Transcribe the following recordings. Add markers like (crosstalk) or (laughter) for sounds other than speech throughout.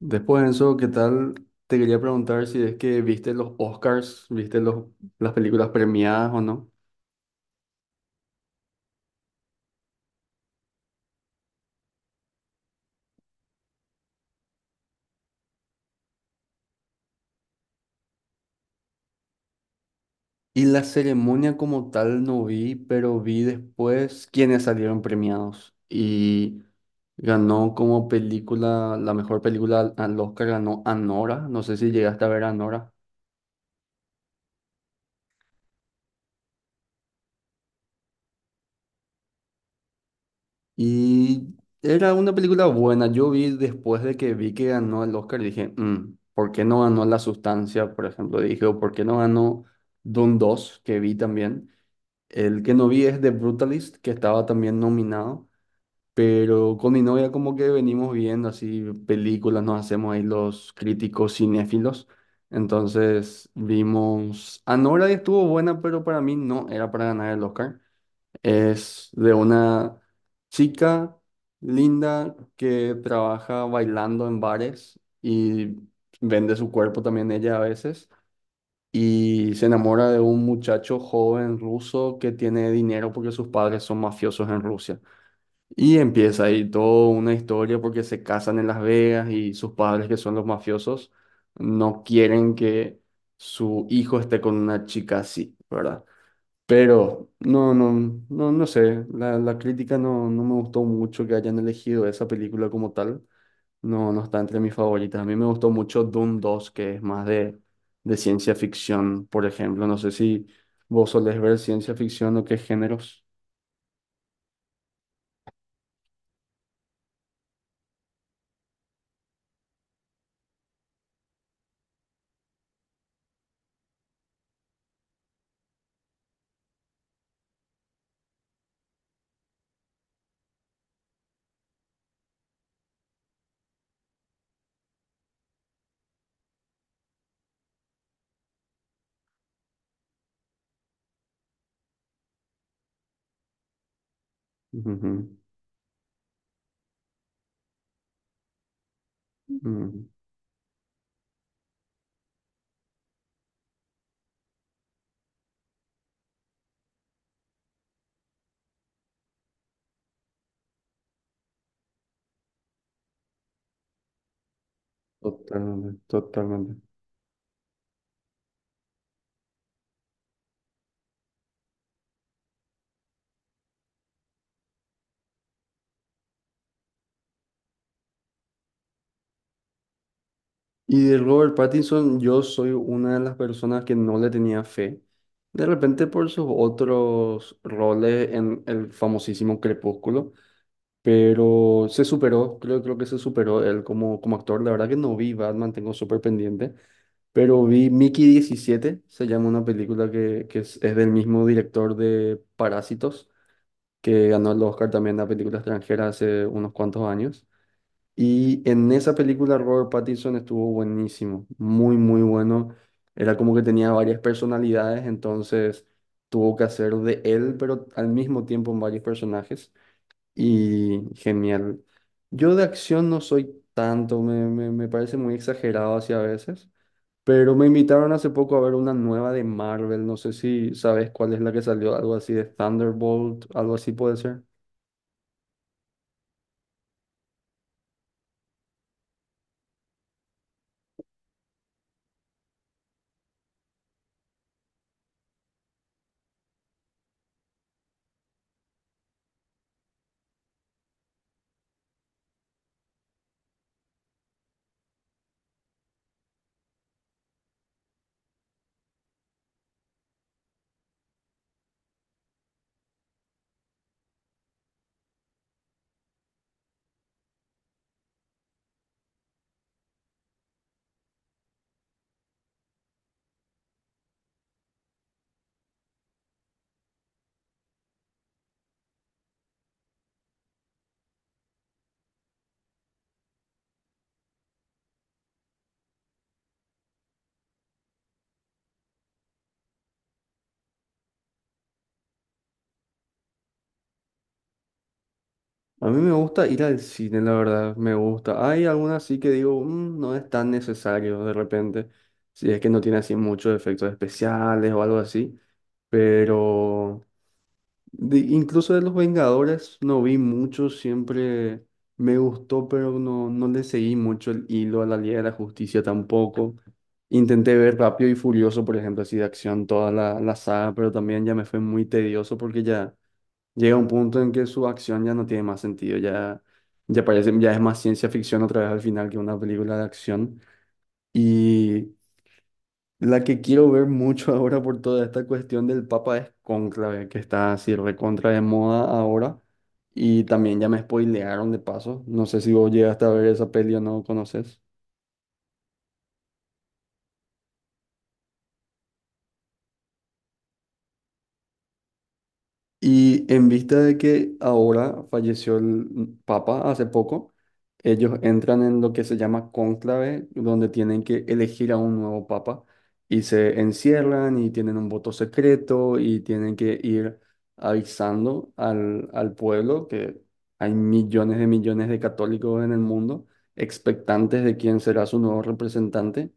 Después de eso, ¿qué tal? Te quería preguntar si es que viste los Oscars, viste las películas premiadas o no. Y la ceremonia como tal no vi, pero vi después quiénes salieron premiados. Y ganó como película, la mejor película al Oscar ganó Anora. No sé si llegaste a ver Anora. Y era una película buena. Yo vi después de que vi que ganó el Oscar, dije, ¿Por qué no ganó La Sustancia, por ejemplo? Dije, o ¿por qué no ganó Dune dos que vi también? El que no vi es The Brutalist, que estaba también nominado. Pero con mi novia como que venimos viendo así películas, nos hacemos ahí los críticos cinéfilos. Entonces vimos Anora y estuvo buena, pero para mí no era para ganar el Oscar. Es de una chica linda que trabaja bailando en bares y vende su cuerpo también ella a veces. Y se enamora de un muchacho joven ruso que tiene dinero porque sus padres son mafiosos en Rusia. Y empieza ahí toda una historia porque se casan en Las Vegas y sus padres que son los mafiosos no quieren que su hijo esté con una chica así, ¿verdad? Pero no, no, no, no sé, la crítica no, no me gustó mucho que hayan elegido esa película como tal. No, no está entre mis favoritas. A mí me gustó mucho Doom dos que es más de ciencia ficción, por ejemplo. No sé si vos solés ver ciencia ficción o qué géneros. Ujú, ujú. Totalmente, totalmente. Y de Robert Pattinson, yo soy una de las personas que no le tenía fe. De repente por sus otros roles en el famosísimo Crepúsculo. Pero se superó, creo que se superó él como actor. La verdad que no vi Batman, tengo súper pendiente, pero vi Mickey 17 se llama una película que es del mismo director de Parásitos, que ganó el Oscar también a película extranjera hace unos cuantos años. Y en esa película Robert Pattinson estuvo buenísimo, muy, muy bueno. Era como que tenía varias personalidades, entonces tuvo que hacer de él, pero al mismo tiempo en varios personajes. Y genial. Yo de acción no soy tanto, me parece muy exagerado así a veces, pero me invitaron hace poco a ver una nueva de Marvel, no sé si sabes cuál es la que salió, algo así de Thunderbolt, algo así puede ser. A mí me gusta ir al cine, la verdad, me gusta. Hay algunas sí que digo, No es tan necesario de repente, si es que no tiene así muchos efectos especiales o algo así, pero incluso de los Vengadores no vi mucho, siempre me gustó, pero no, no le seguí mucho el hilo a la Liga de la Justicia tampoco. Intenté ver Rápido y Furioso, por ejemplo, así de acción, toda la saga, pero también ya me fue muy tedioso porque ya llega un punto en que su acción ya no tiene más sentido, ya, ya parece, ya es más ciencia ficción otra vez al final que una película de acción. Y la que quiero ver mucho (laughs) ahora por toda esta cuestión del Papa es Cónclave, que está así recontra de moda ahora. Y también ya me spoilearon de paso. No sé si vos llegaste a ver esa peli o no conoces. Y en vista de que ahora falleció el Papa hace poco, ellos entran en lo que se llama cónclave, donde tienen que elegir a un nuevo Papa y se encierran y tienen un voto secreto y tienen que ir avisando al pueblo que hay millones de católicos en el mundo expectantes de quién será su nuevo representante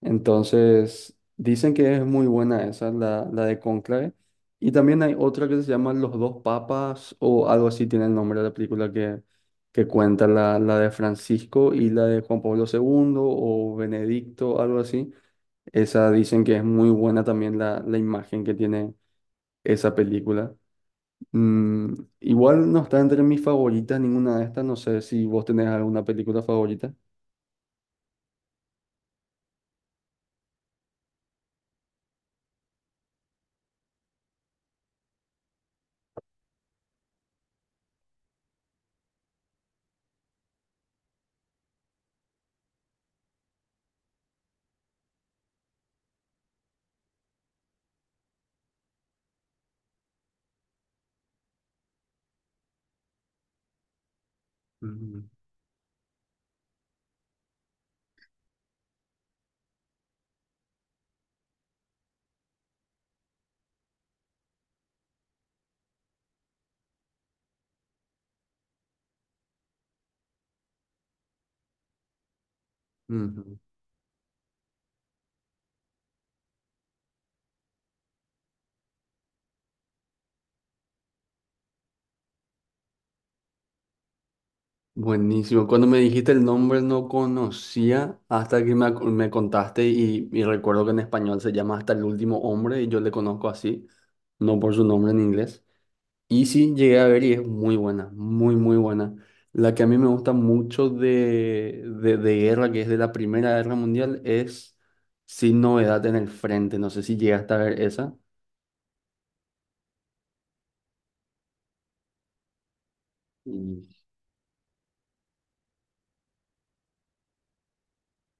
entonces, dicen que es muy buena esa, la de Cónclave. Y también hay otra que se llama Los dos papas o algo así tiene el nombre de la película que cuenta la de Francisco y la de Juan Pablo segundo o Benedicto, algo así. Esa dicen que es muy buena también la imagen que tiene esa película. Mm, Igual no está entre mis favoritas ninguna de estas. No sé si vos tenés alguna película favorita. Ujú, ujú. Buenísimo. Cuando me dijiste el nombre no conocía hasta que me contaste y recuerdo que en español se llama Hasta el último hombre y yo le conozco así, no por su nombre en inglés. Y sí, llegué a ver y es muy buena, muy, muy buena. La que a mí me gusta mucho de guerra, que es de la Primera Guerra Mundial, es Sin Novedad en el Frente. No sé si llegaste a ver esa.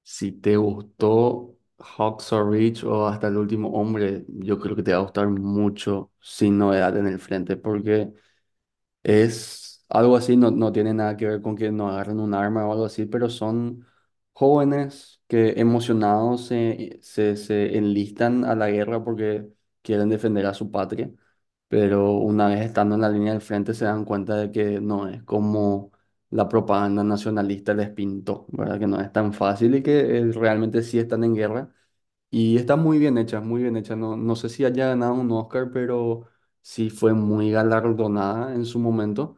Si te gustó Hacksaw Ridge o hasta el último hombre, yo creo que te va a gustar mucho Sin Novedad en el Frente, porque es algo así, no, no tiene nada que ver con que no agarren un arma o algo así, pero son jóvenes que emocionados se enlistan a la guerra porque quieren defender a su patria, pero una vez estando en la línea del frente se dan cuenta de que no es como la propaganda nacionalista les pintó, ¿verdad? Que no es tan fácil y que realmente sí están en guerra y está muy bien hecha, muy bien hecha. No, no sé si haya ganado un Oscar, pero sí fue muy galardonada en su momento,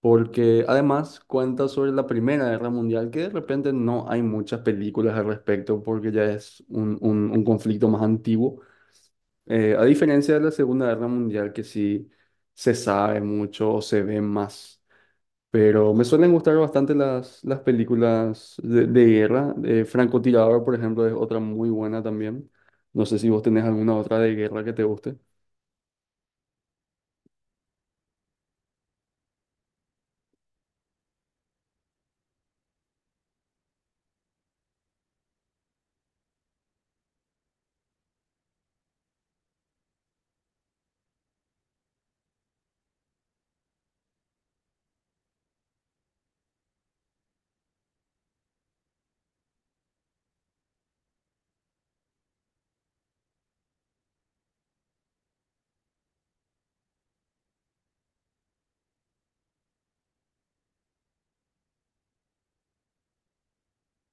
porque además cuenta sobre la Primera Guerra Mundial, que de repente no hay muchas películas al respecto, porque ya es un conflicto más antiguo. A diferencia de la Segunda Guerra Mundial, que sí se sabe mucho o se ve más. Pero me suelen gustar bastante las películas de guerra. Francotirador, por ejemplo, es otra muy buena también. No sé si vos tenés alguna otra de guerra que te guste.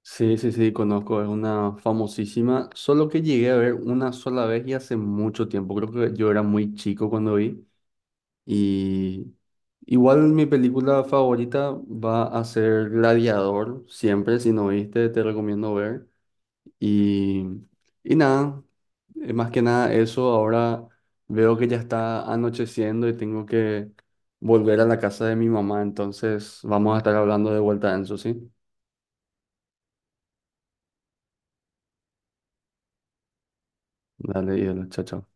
Sí, sí, sí, conozco, es una famosísima, solo que llegué a ver una sola vez y hace mucho tiempo, creo que yo era muy chico cuando vi y igual mi película favorita va a ser Gladiador, siempre, si no viste te recomiendo ver. Y, y nada, más que nada eso, ahora veo que ya está anocheciendo y tengo que volver a la casa de mi mamá, entonces vamos a estar hablando de vuelta, Enzo, ¿sí? Dale, y chao, chao.